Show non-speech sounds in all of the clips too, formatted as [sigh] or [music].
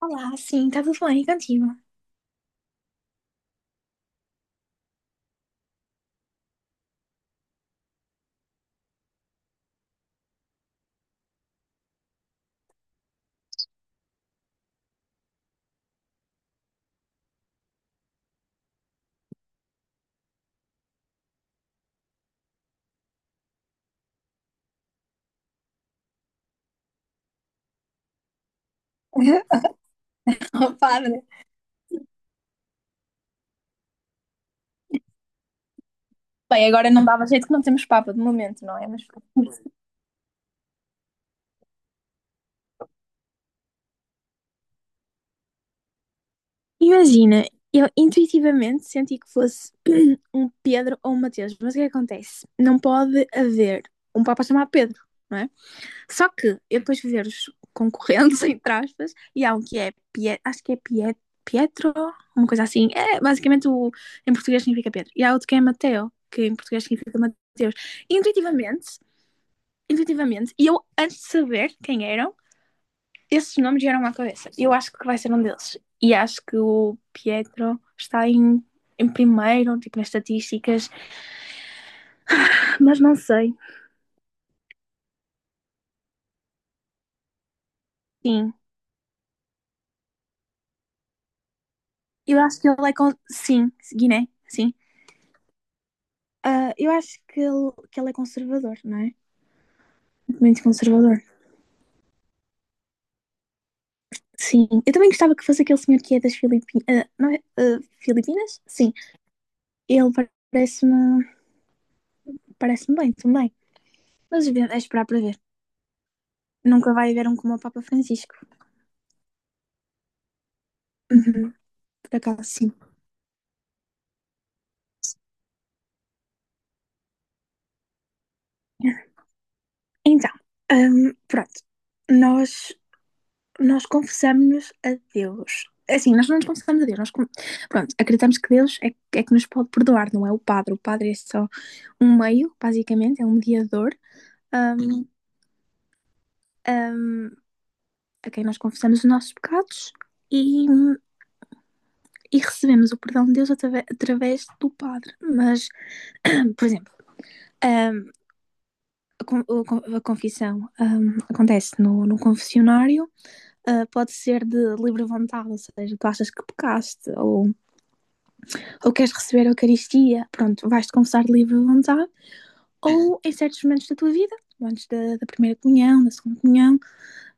Olá, sim, está tudo bem e contigo? [laughs] Para, né? Bem, agora não dava jeito que não temos papa de momento, não é? Mas pronto. Imagina, eu intuitivamente senti que fosse [clears throat] um Pedro ou um Mateus, mas o que é que acontece? Não pode haver um Papa chamado Pedro, não é? Só que eu depois fui ver os concorrentes, [laughs] entre aspas, e há um que é Pie- acho que é Pie- Pietro, uma coisa assim. É, basicamente, em português significa Pedro. E há outro que é Mateo, que em português significa Mateus. Intuitivamente, intuitivamente. E eu, antes de saber quem eram, esses nomes vieram à cabeça. Eu acho que vai ser um deles. E acho que o Pietro está em primeiro, tipo, nas estatísticas. Mas não sei. Sim. Eu acho que ele... é... Con... Sim, Guiné, sim. Eu acho que ele é conservador, não é? Muito conservador. Sim. Eu também gostava que fosse aquele senhor que é das Filipinas. Não é? Filipinas? Sim. Ele parece-me parece bem também. Mas é esperar para ver. Nunca vai haver um como o Papa Francisco. Uhum, por acaso, sim. Então, pronto. Nós, nós confessamos-nos a Deus. Assim, nós não nos confessamos a Deus. Pronto, acreditamos que Deus é que nos pode perdoar, não é o padre. O padre é só um meio, basicamente, é um mediador, hum, hum, a quem nós confessamos os nossos pecados e, e recebemos o perdão de Deus através do padre. Mas, [clears throat] por exemplo, hum, a, con- a confissão acontece no confessionário, pode ser de livre vontade, ou seja, tu achas que pecaste ou queres receber a Eucaristia, pronto, vais-te confessar de livre vontade, ou em certos momentos da tua vida, antes da primeira comunhão, da segunda comunhão,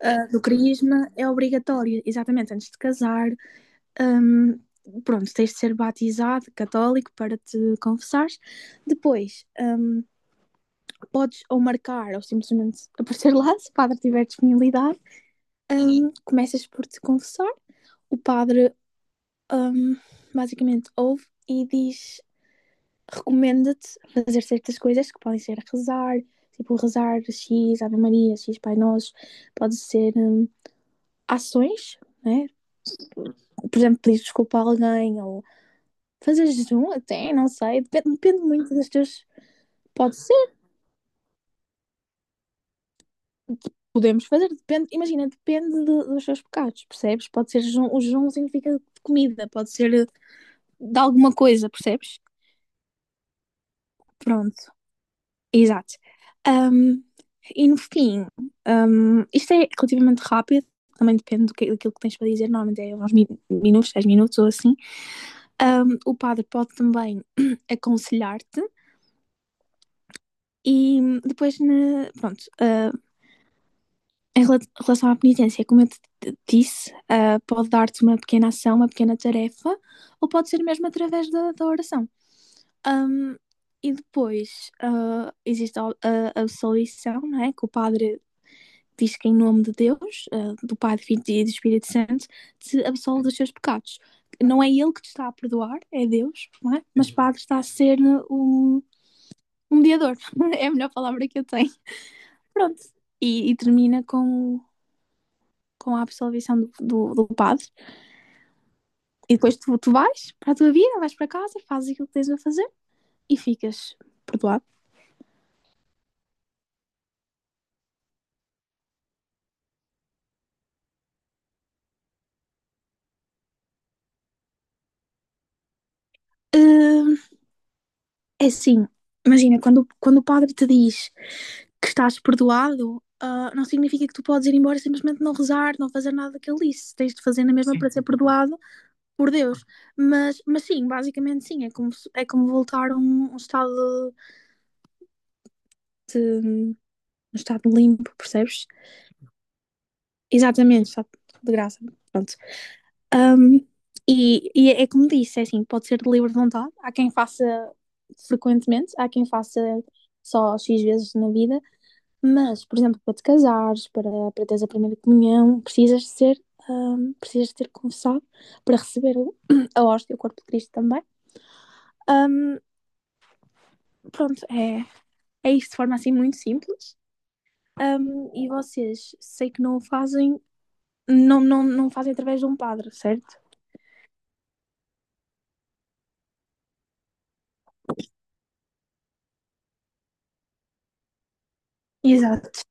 do crisma, é obrigatório, exatamente, antes de casar, ahm, pronto, tens de ser batizado católico para te confessares. Depois, podes ou marcar ou simplesmente aparecer lá, se o padre tiver disponibilidade. Começas por te confessar, o padre hum, basicamente ouve e diz, recomenda-te fazer certas coisas que podem ser rezar, tipo rezar X Ave Maria, X Pai Nosso, pode ser ações, né? Por exemplo, pedir desculpa a alguém ou fazer jejum até, não sei, depende muito das tuas. Pode ser Podemos fazer, depende, imagina, depende dos seus pecados, percebes? Pode ser jejum, o jejum significa de comida, pode ser de alguma coisa, percebes? Pronto, exato. Ahm, e no fim, isto é relativamente rápido, também depende do que, daquilo que tens para dizer, normalmente é uns minutos, 10 minutos ou assim. O padre pode também [clears throat] aconselhar-te e depois, pronto, em relação à penitência, como eu te disse, pode dar-te uma pequena ação, uma pequena tarefa, ou pode ser mesmo através da oração. Ahm, e depois existe a absolvição, não é? Que o padre diz que, em nome de Deus, do Pai, do Filho e do Espírito Santo, te absolve dos seus pecados. Não é ele que te está a perdoar, é Deus, não é? Mas o padre está a ser um, um mediador. [laughs] É a melhor palavra que eu tenho. Pronto. E termina com a absolvição do padre. E depois tu vais para a tua vida, vais para casa, fazes aquilo que tens a fazer e ficas perdoado. Hum, É assim, imagina, quando o padre te diz que estás perdoado, não significa que tu podes ir embora e simplesmente não rezar, não fazer nada que ele disse. Tens de fazer na mesma, sim, para ser perdoado por Deus. Mas sim, basicamente sim, é como voltar a um estado limpo, percebes? Exatamente, só de graça. Pronto. Um, e é como disse, é assim, pode ser de livre vontade. Há quem faça frequentemente, há quem faça só X vezes na vida, mas, por exemplo, para te casares, para teres a primeira comunhão, precisas de ter confessado para receber [clears throat] a hóstia, o corpo de Cristo também. Um, Pronto, é isto de forma assim muito simples. E vocês, sei que não o fazem, não, não, não fazem através de um padre, certo? Exato.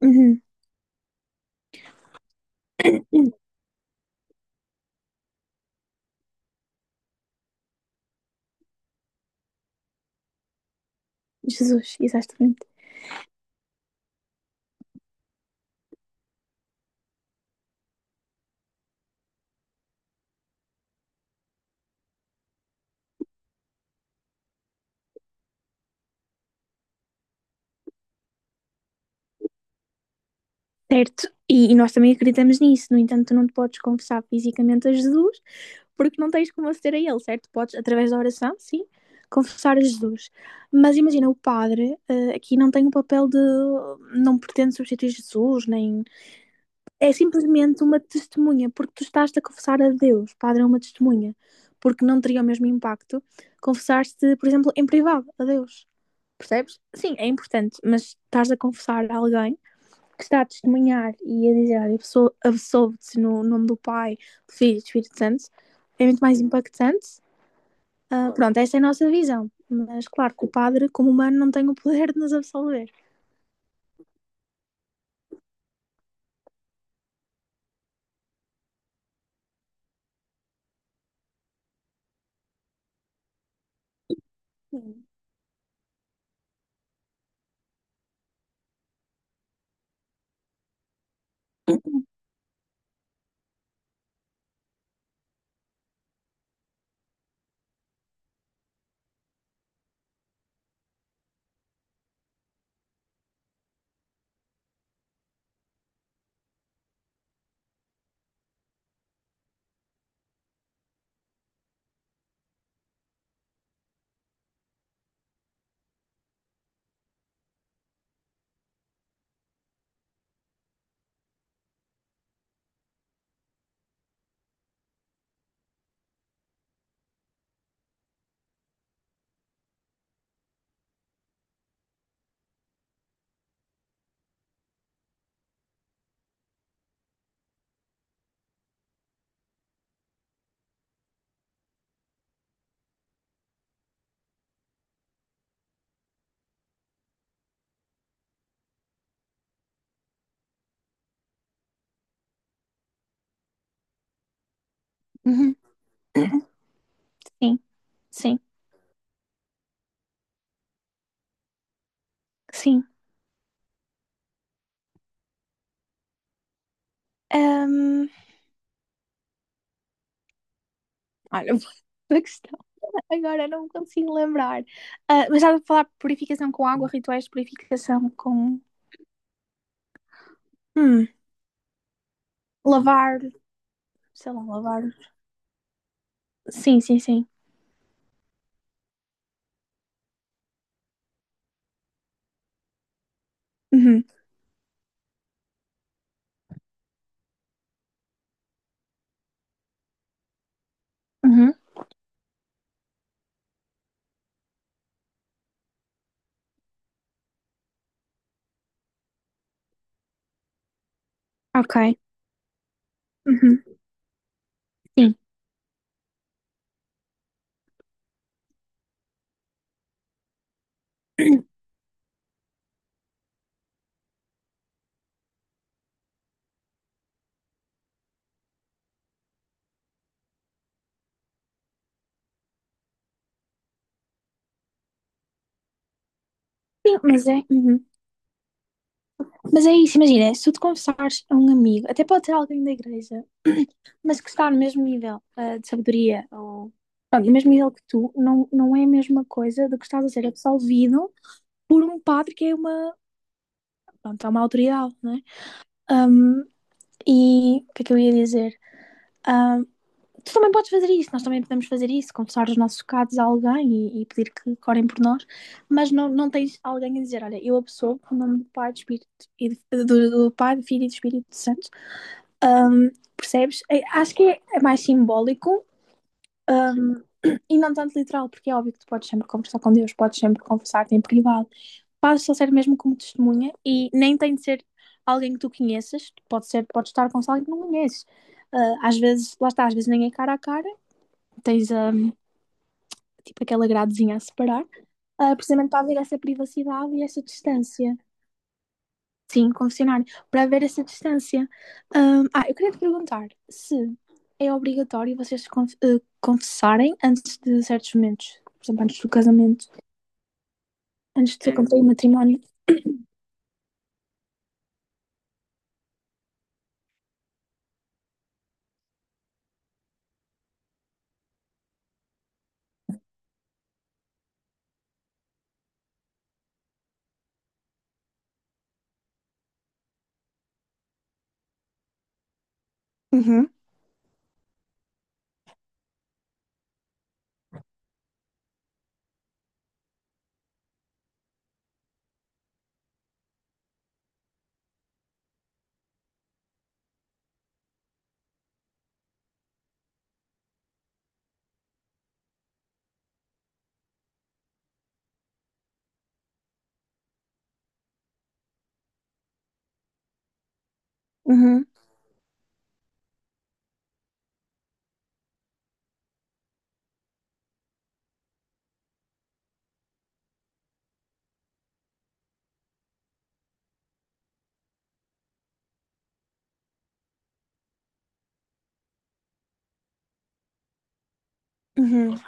Uhum. Jesus, exatamente. Certo. E nós também acreditamos nisso. No entanto, tu não te podes confessar fisicamente a Jesus, porque não tens como aceder a Ele, certo? Podes, através da oração, sim, confessar a Jesus. Mas imagina, o padre, aqui não tem o papel de. Não pretende substituir Jesus, nem. É simplesmente uma testemunha, porque tu estás-te a confessar a Deus. O padre é uma testemunha, porque não teria o mesmo impacto confessar-te, por exemplo, em privado a Deus. Percebes? Sim, é importante, mas estás a confessar a alguém que está a testemunhar e a dizer, olha, absolve-te no nome do Pai, do Filho e do Espírito Santo, é muito mais impactante. Pronto, essa é a nossa visão. Mas claro que o padre, como humano, não tem o poder de nos absolver. Sim, sim, sim. Ahm, Olha, a questão agora não me consigo lembrar. Mas estava a falar de purificação com água, rituais de purificação com hum, lavar, sei lá, lavar. Sim, sim, sim. Uhum, uhum, ok. Uhum, sim. Sim, mas é, uhum. Mas é isso, imagina, se tu te confessares a um amigo, até pode ser alguém da igreja, [clears throat] mas que está no mesmo nível, de sabedoria ou pronto, no mesmo nível que tu, não, não é a mesma coisa do que estás a ser absolvido por um padre que é uma, pronto, é uma autoridade, não é? Ahm, e o que é que eu ia dizer? Ah, Tu também podes fazer isso, nós também podemos fazer isso, confessar os nossos pecados a alguém e pedir que orem por nós, mas não tens alguém a dizer, olha, eu absolvo o nome e do Pai, do Filho e do Espírito Santo. Ahm, Percebes? Acho que é mais simbólico, ahm, e não tanto literal, porque é óbvio que tu podes sempre conversar com Deus, podes sempre conversar-te em privado. Fazes só ser mesmo como testemunha e nem tem de ser alguém que tu conheças, pode ser, pode estar com alguém que não conheces. Às vezes, lá está, às vezes nem é cara a cara, tens um, tipo aquela gradezinha a separar, precisamente para haver essa privacidade e essa distância. Sim, confessionário, para haver essa distância. Eu queria te perguntar se é obrigatório vocês confessarem antes de certos momentos, por exemplo, antes do casamento, antes de cumprir o matrimónio. [coughs] Uhum, uhum, uhum.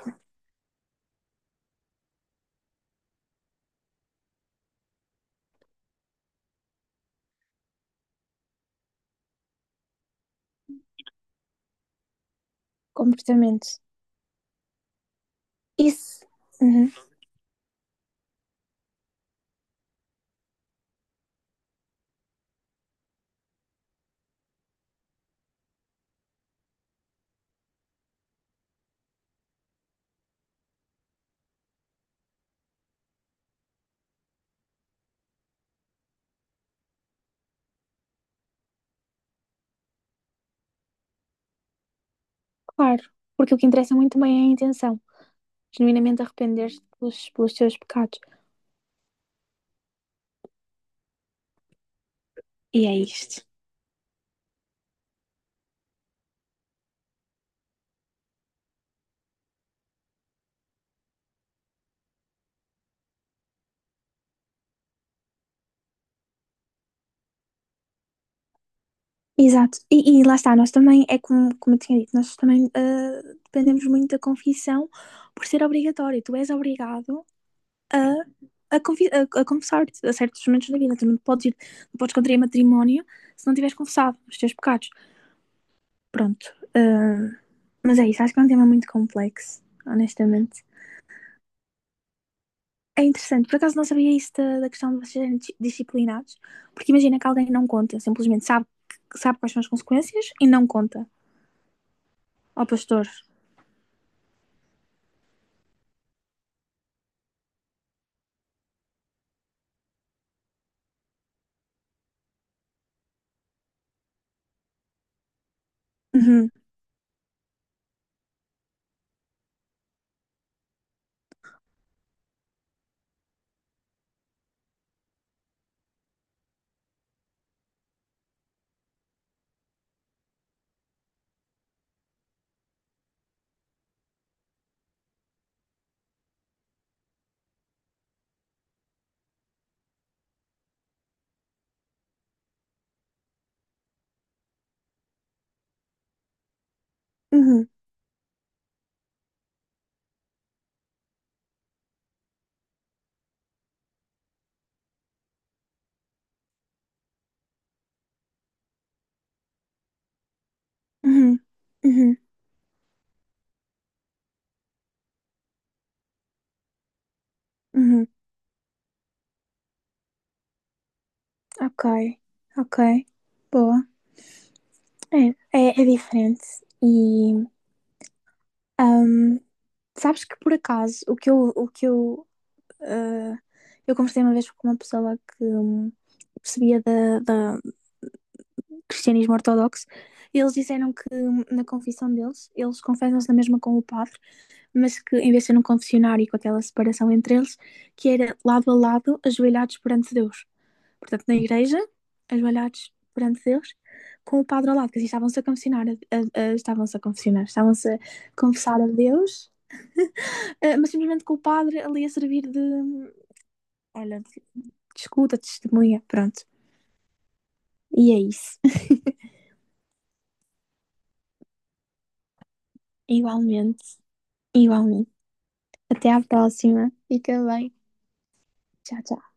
Completamente. Isso, uhum, claro. Porque o que interessa muito bem é a intenção. Genuinamente arrepender-te pelos teus pecados. E é isto. Exato. E lá está, nós também, é como, como eu tinha dito, nós também, dependemos muito da confissão por ser obrigatório. Tu és obrigado a, a confessar-te a certos momentos da vida. Tu não podes contrair matrimónio se não tiveres confessado os teus pecados. Pronto. Mas é isso, acho que é um tema muito complexo, honestamente. É interessante, por acaso não sabia isso da questão de vocês serem disciplinados, porque imagina que alguém não conta, simplesmente sabe, sabe quais são as consequências e não conta ao pastor. Uhum, uhum, uhum, uhum, uhum. Ok, ok, boa. É, é diferente. E ahm, sabes que por acaso o que eu, ah, eu conversei uma vez com uma pessoa que percebia cristianismo ortodoxo. Eles disseram que na confissão deles, eles confessam-se na mesma com o padre, mas que em vez de ser num confessionário com aquela separação entre eles, que era lado a lado, ajoelhados perante Deus. Portanto, na igreja, ajoelhados perante Deus, com o padre ao lado, que assim estavam-se a confessar a Deus, mas simplesmente com o padre ali a servir de, olha, de escuta, de testemunha, pronto. E é isso. [laughs] Igualmente, igualmente. Até à próxima. Fica bem. Tchau, tchau.